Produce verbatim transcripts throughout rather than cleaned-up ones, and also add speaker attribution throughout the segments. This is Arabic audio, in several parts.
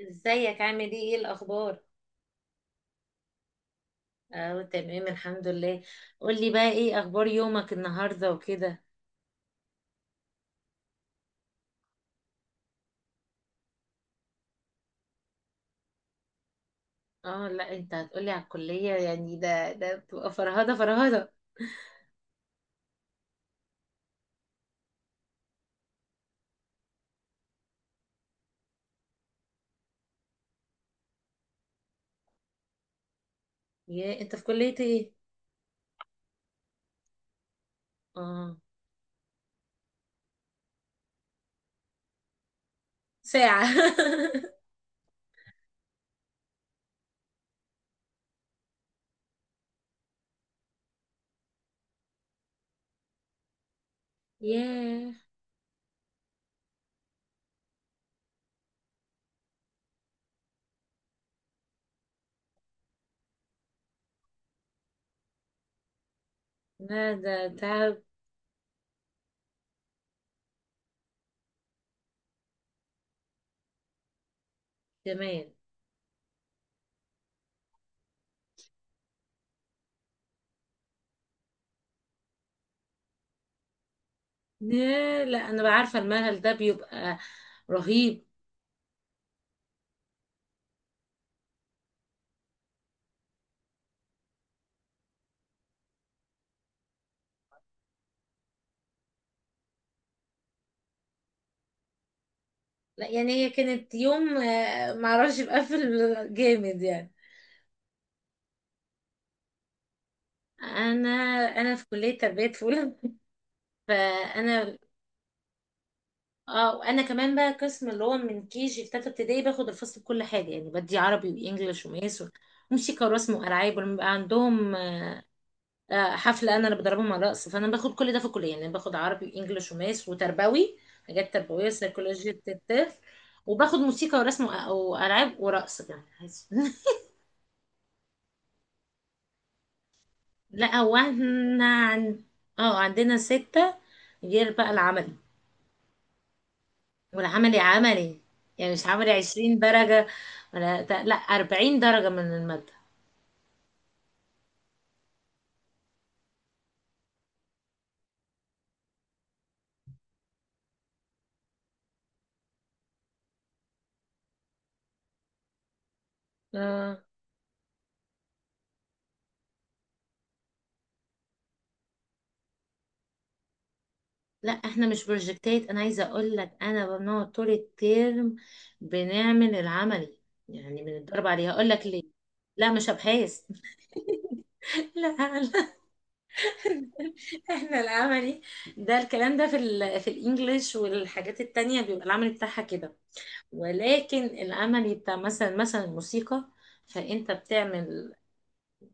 Speaker 1: ازيك، عامل ايه ايه الاخبار؟ اه، تمام الحمد لله. قولي بقى، ايه اخبار يومك النهارده وكده؟ اه، لا انت هتقولي على الكليه؟ يعني ده ده بتبقى فرهده فرهده. يا انت في كليه ايه؟ اه، ساعه. ياه، لا ده تعب. كمان. ياه، لا انا بعرفه، الملل ده بيبقى رهيب. لا يعني هي كانت يوم، آه، معرفش، بقفل جامد يعني. انا انا في كليه تربيه فولا. فانا. اه، وانا كمان بقى قسم، اللي هو من كي جي في تالتة ابتدائي، باخد الفصل بكل حاجة يعني، بدي عربي وانجليش ومقاس و- وموسيقى ورسم والعاب. ولما بيبقى عندهم آه، حفلة، انا اللي بدربهم على الرقص. فانا باخد كل ده في الكلية، يعني باخد عربي وانجليش ومقاس وتربوي، حاجات تربوية سيكولوجية الطفل. وباخد موسيقى ورسم وأ- والعاب ورقص كمان. لا، هو احنا عن... اه، عندنا ستة، غير بقى العمل والعملي، عملي يعني. مش عملي 20 درجة، ولا ت- لا 40 درجة من المادة. اه لا، احنا مش بروجكتات. انا عايزه اقول لك انا بنقعد طول الترم بنعمل العملي، يعني بنتدرب عليه. هقول لك ليه. لا مش ابحاث. لا لا. احنا العملي ده، الكلام ده في ال في الانجليش والحاجات التانية، بيبقى العملي بتاعها كده. ولكن العملي بتاع مثلا مثلا الموسيقى، فانت بتعمل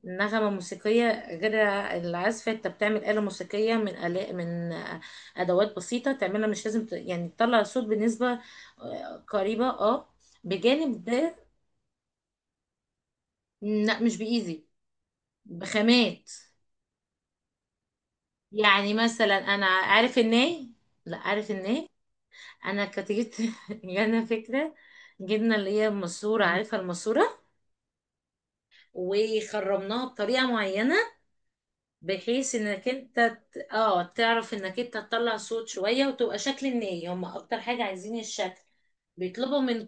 Speaker 1: نغمة موسيقية غير العزف. انت بتعمل آلة موسيقية من آلاء، من أدوات بسيطة تعملها، مش لازم ت- يعني تطلع صوت بنسبة آه، قريبة، اه. بجانب ده، لا مش بإيزي، بخامات. يعني مثلا، أنا عارف الناي. لا، عارف الناي. أنا كنت جبت، جانا فكرة، جبنا اللي هي الماسورة، عارفة الماسورة، وخرمناها بطريقة معينة بحيث انك انت ت- اه تعرف انك انت تطلع صوت شوية، وتبقى شكل الناي. هم اكتر حاجة عايزين الشكل، بيطلبوا من.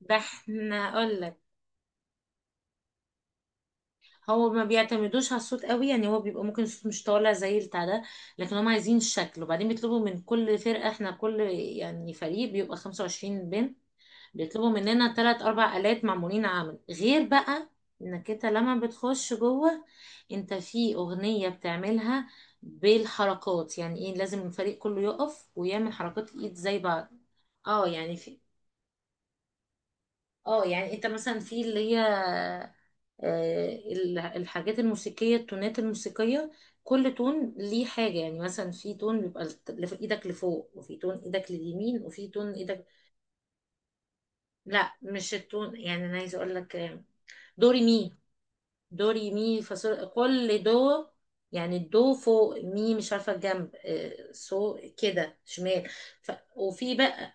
Speaker 1: ده احنا اقول لك، هو ما بيعتمدوش على الصوت قوي، يعني هو بيبقى ممكن الصوت مش طالع زي بتاع ده، لكن هم عايزين الشكل. وبعدين بيطلبوا من كل فرقة، احنا كل، يعني فريق بيبقى 25 بنت، بيطلبوا مننا تلات أربع آلات معمولين، عمل. غير بقى إنك أنت لما بتخش جوه، أنت في أغنية بتعملها بالحركات. يعني إيه؟ لازم الفريق كله يقف ويعمل حركات الإيد زي بعض. اه، يعني في. اه يعني أنت مثلا في اللي هي، آه، ال- الحاجات الموسيقية، التونات الموسيقية، كل تون ليه حاجة. يعني مثلا في تون بيبقى الت- لف- ايدك لفوق، وفي تون ايدك لليمين، وفي تون ايدك. لا مش التون، يعني انا عايزه اقول لك، آه، دوري مي، دو ري مي فا صول. كل دو، يعني الدو فوق مي، مش عارفة الجنب، آه، سو كده، شمال. ف... وفي بقى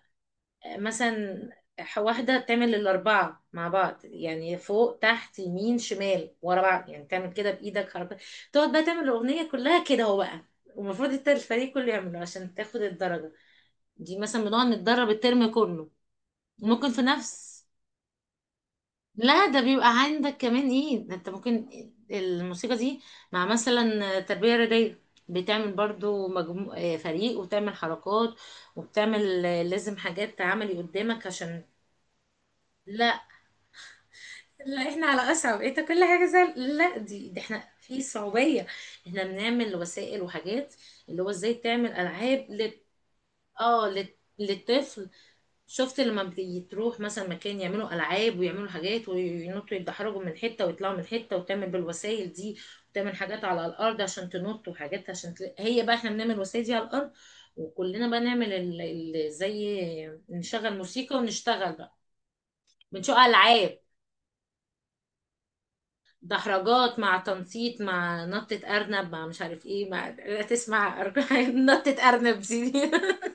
Speaker 1: مثلا، ح- واحدة تعمل الأربعة مع بعض، يعني فوق تحت يمين شمال ورا بعض، يعني تعمل كده بإيدك حركة، تقعد بقى تعمل الأغنية كلها كده. هو بقى، ومفروض الت- الفريق كله يعمله عشان تاخد الدرجة. دي مثلا بنقعد نتدرب الترم كله، ممكن في نفس. لا ده بيبقى عندك كمان، ايه؟ ده انت ممكن الموسيقى دي مع مثلا تربية رياضية، بتعمل برضو مجمو... آه، فريق، وبتعمل حركات، وبتعمل آه، لازم حاجات عملي قدامك عشان. لا لا، احنا على اصعب. انت كل حاجة زي، لا، دي, دي احنا في صعوبية. احنا بنعمل وسائل وحاجات، اللي هو ازاي تعمل العاب لل... اه، لل... للطفل. شفت لما بتروح مثلا مكان، يعملوا العاب ويعملوا حاجات، وينطوا، يتدحرجوا من حته، ويطلعوا من حته، وتعمل بالوسائل دي، وتعمل حاجات على الارض عشان تنط، وحاجات عشان تل... هي بقى. احنا بنعمل وسائل دي على الارض، وكلنا بقى نعمل ال... ال... زي نشغل موسيقى، ونشتغل بقى. بنشوف العاب، دحرجات مع تنطيط، مع نطة أرنب، مع مش عارف ايه، مع لا، تسمع أر- نطة أرنب دي.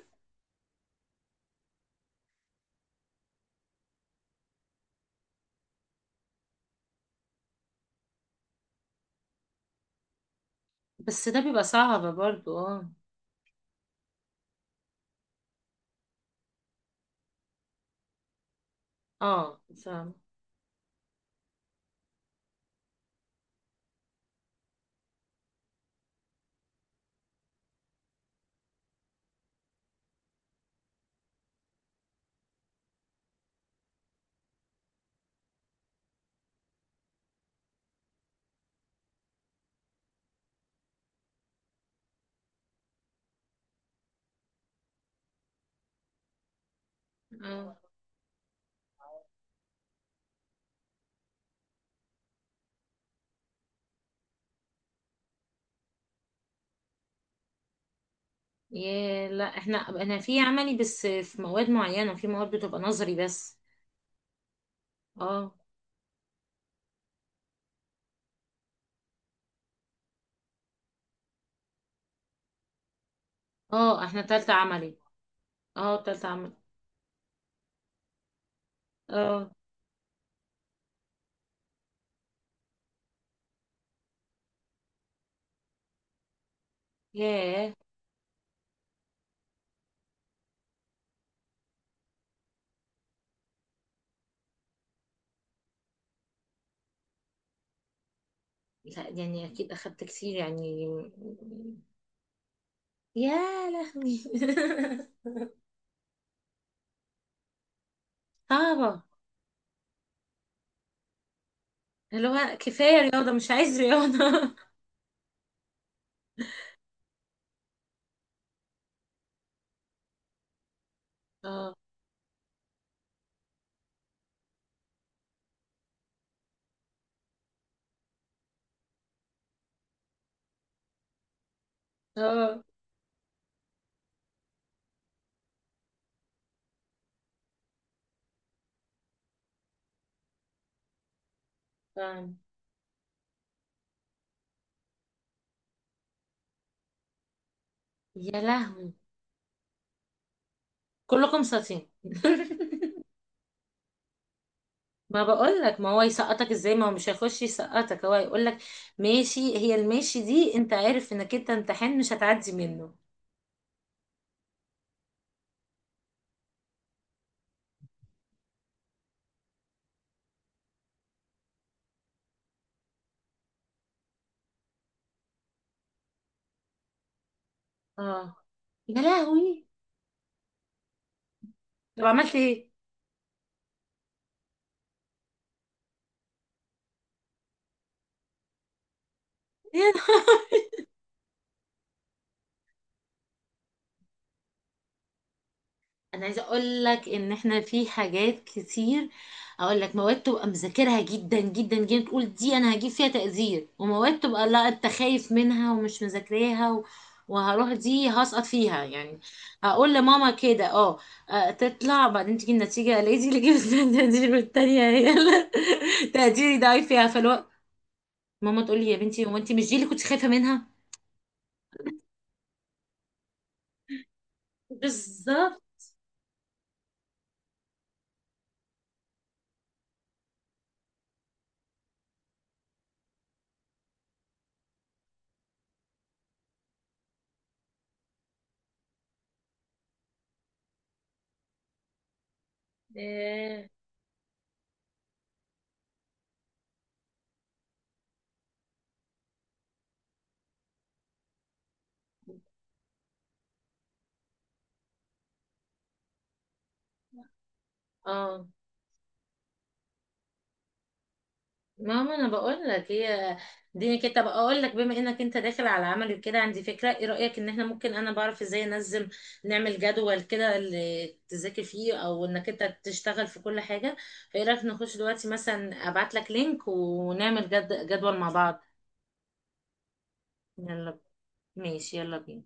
Speaker 1: بس ده بيبقى صعب برضو، اه. اه، فاهم. ياه، لا احنا، انا في عملي بس في مواد معينة، في مواد بتبقى نظري بس. اه اه، احنا تالتة عملي. اه، تالتة عملي. اه. ياه، لا يعني اكيد اخدت كتير يعني. يا لهوي. صعبة. اللي هو كفاية رياضة، مش عايز رياضة. اه اه، فاهم. يا لهوي. كلكم ساطين. ما بقول لك، ما هو يسقطك ازاي؟ ما هو مش هيخش يسقطك، هو هيقول لك ماشي. هي الماشي دي، انت عارف انك انت امتحان مش هتعدي منه. اه. يا لهوي. طب عملت ايه؟ انا عايزه اقول لك ان احنا في حاجات كتير. اقول لك، مواد تبقى مذاكرها جدا جدا جدا، تقول دي انا هجيب فيها تقدير. ومواد تبقى لا، انت خايف منها ومش مذاكراها و... وهروح دي هسقط فيها يعني. هقول لماما كده اه، آه، تطلع بعدين تيجي النتيجه، الاقي دي اللي جبت فيها التقدير، والتانيه هي اللي تقديري ضعيف فيها. فالوقت ماما تقول لي يا بنتي، هو انت مش دي اللي كنت خايفه منها؟ بالظبط. إيه. اه، ماما انا بقول لك، هي دي كده. طب اقول لك، بما انك انت داخل على عمل كده، عندي فكره. ايه رايك ان احنا ممكن، انا بعرف ازاي انزل، نعمل جدول كده اللي تذاكر فيه، او انك انت تشتغل في كل حاجه. فايه رايك نخش دلوقتي مثلا؟ ابعت لك لينك ونعمل جد... جدول مع بعض. يلا. ماشي يلا بينا.